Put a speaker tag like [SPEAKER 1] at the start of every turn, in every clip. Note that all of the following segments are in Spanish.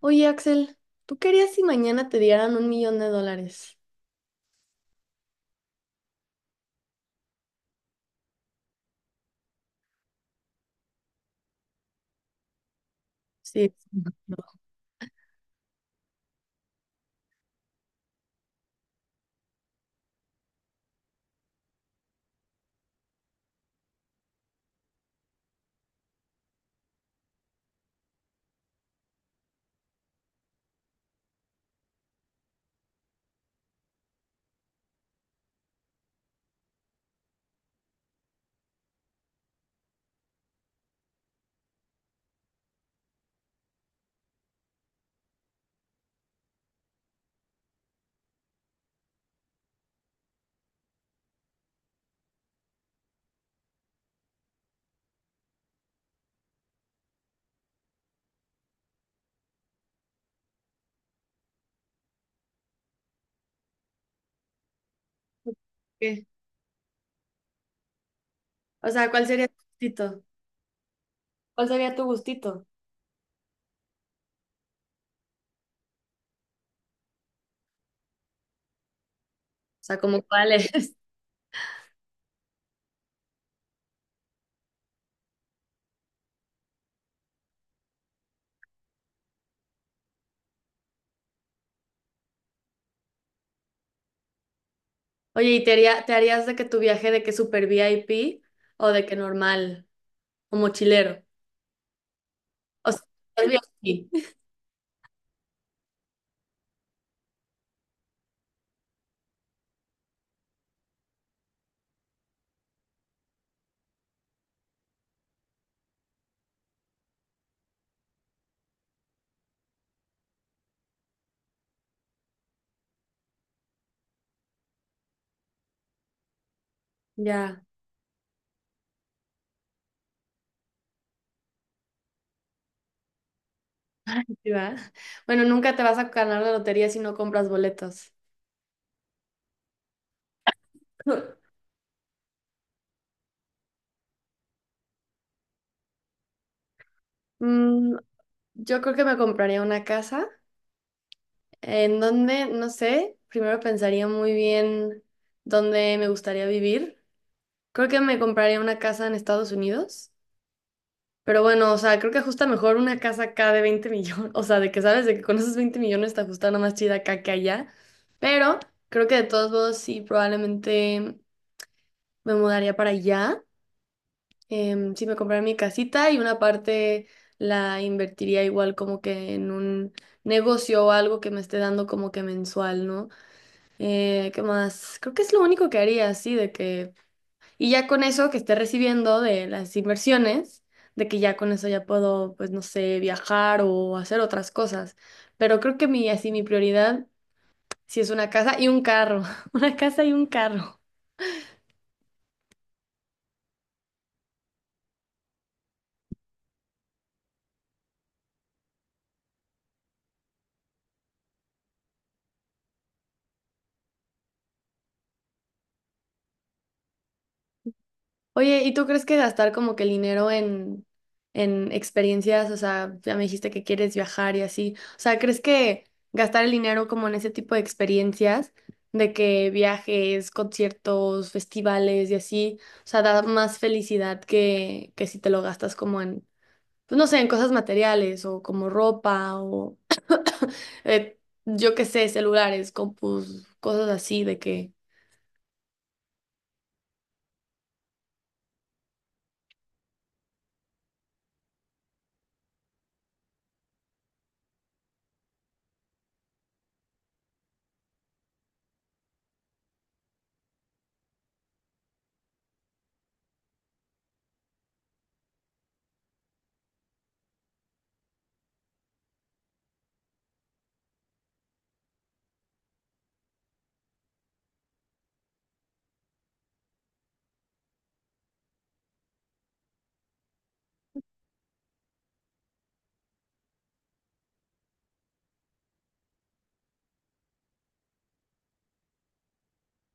[SPEAKER 1] Oye, Axel, ¿tú querías si mañana te dieran 1.000.000 de dólares? Sí. ¿Qué? O sea, ¿cuál sería tu gustito? ¿Cuál sería tu gustito? O sea, ¿como cuál es? Oye, ¿y te haría- te harías de que tu viaje de que super VIP o de que normal o mochilero? O sea, el VIP. Ya, sí, va. Bueno, nunca te vas a ganar la lotería si no compras boletos. Mm, yo creo que me compraría una casa. ¿En donde? No sé. Primero pensaría muy bien dónde me gustaría vivir. Creo que me compraría una casa en Estados Unidos. Pero bueno, o sea, creo que ajusta mejor una casa acá de 20 millones. O sea, de que sabes, de que con esos 20 millones te ajusta una más chida acá que allá. Pero creo que de todos modos sí, probablemente me mudaría para allá. Sí, me compraría mi casita y una parte la invertiría igual como que en un negocio o algo que me esté dando como que mensual, ¿no? ¿Qué más? Creo que es lo único que haría, sí, de que... Y ya con eso que esté recibiendo de las inversiones, de que ya con eso ya puedo, pues no sé, viajar o hacer otras cosas. Pero creo que mi, así, mi prioridad sí es una casa y un carro. Una casa y un carro. Oye, ¿y tú crees que gastar como que el dinero en experiencias, o sea, ya me dijiste que quieres viajar y así, o sea, ¿crees que gastar el dinero como en ese tipo de experiencias, de que viajes, conciertos, festivales y así, o sea, da más felicidad que si te lo gastas como en, pues no sé, en cosas materiales o como ropa o eh, yo qué sé, celulares, compus, cosas así, de que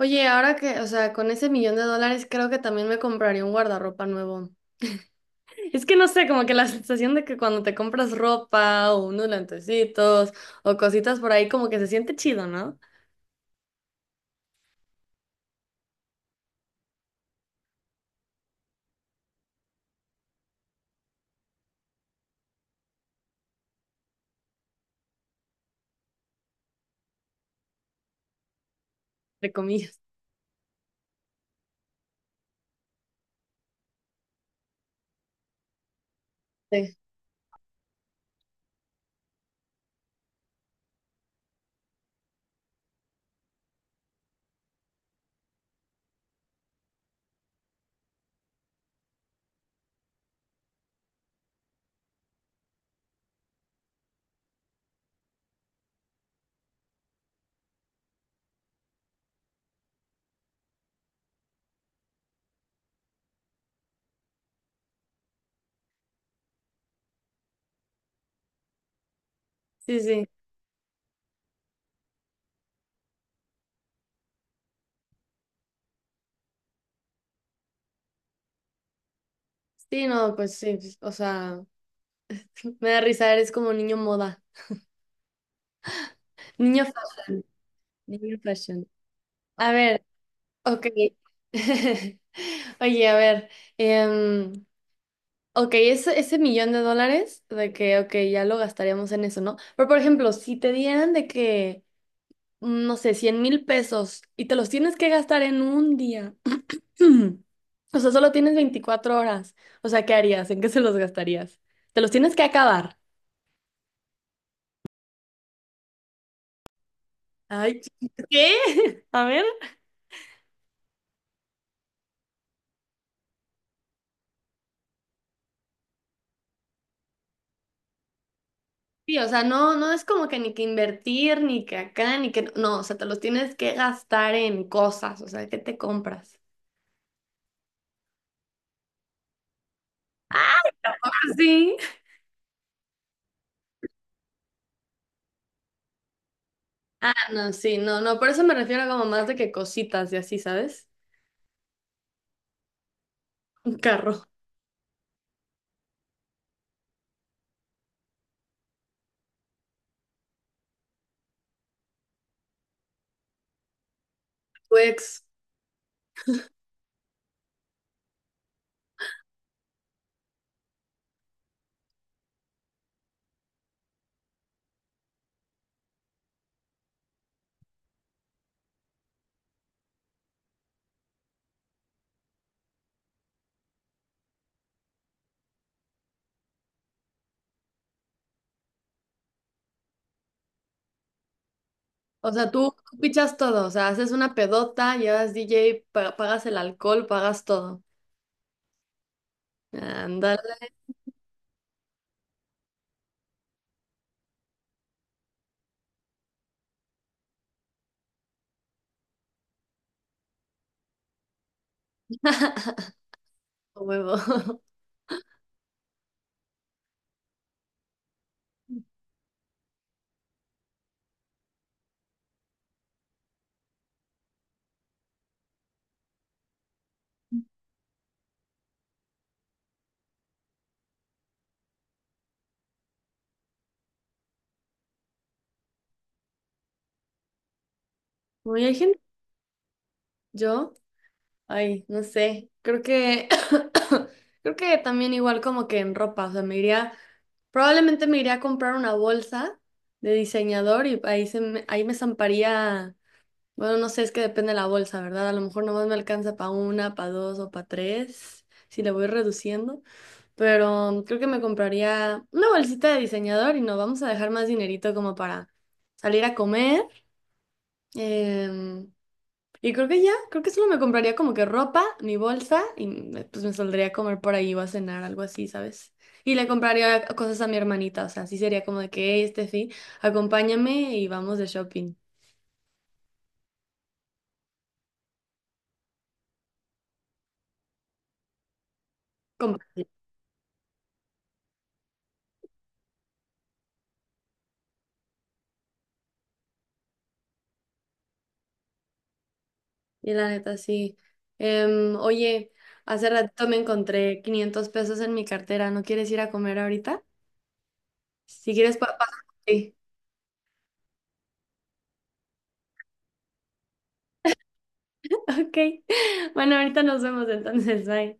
[SPEAKER 1] oye, ahora que, o sea, con ese millón de dólares creo que también me compraría un guardarropa nuevo. Es que no sé, como que la sensación de que cuando te compras ropa o unos lentecitos o cositas por ahí, como que se siente chido, ¿no? Entre comillas. Sí, sí, sí. Sí, no, pues sí, pues, o sea, me da risa, eres como niño moda. Niño fashion, niño fashion. A ver, ok. Oye, a ver, em, ok, ese millón de dólares, de que, ok, ya lo gastaríamos en eso, ¿no? Pero, por ejemplo, si te dieran de que, no sé, 100.000 pesos y te los tienes que gastar en un día, o sea, solo tienes 24 horas, o sea, ¿qué harías? ¿En qué se los gastarías? Te los tienes que acabar. Ay, ¿qué? A ver. Sí, o sea, no, no es como que ni que invertir, ni que acá, ni que... No, o sea, te los tienes que gastar en cosas, o sea, ¿qué te compras? ¿Ah, ¿Sí? Ah, no, sí, no, no, por eso me refiero como más de que cositas y así, ¿sabes? Un carro, tu ex. O sea, tú pichas todo, o sea, haces una pedota, llevas DJ, pa- pagas el alcohol, pagas todo. Ándale, a huevo. Uy, hay gente, yo, ay, no sé, creo que, creo que también igual como que en ropa, o sea, me iría, probablemente me iría a comprar una bolsa de diseñador y ahí, se me- ahí me zamparía. Bueno, no sé, es que depende de la bolsa, ¿verdad? A lo mejor nomás me alcanza para una, para dos o para tres, si le voy reduciendo, pero creo que me compraría una bolsita de diseñador y nos vamos a dejar más dinerito como para salir a comer. em, y creo que ya, creo que solo me compraría como que ropa, mi bolsa y me- pues me saldría a comer por ahí o a cenar, algo así, ¿sabes? Y le compraría cosas a mi hermanita, o sea, así sería como de que, hey, Steffi, acompáñame y vamos de shopping. Y la neta, sí. Oye, hace ratito me encontré 500 pesos en mi cartera. ¿No quieres ir a comer ahorita? Si quieres, papá. Sí. Ok. Bueno, ahorita nos vemos entonces. Bye.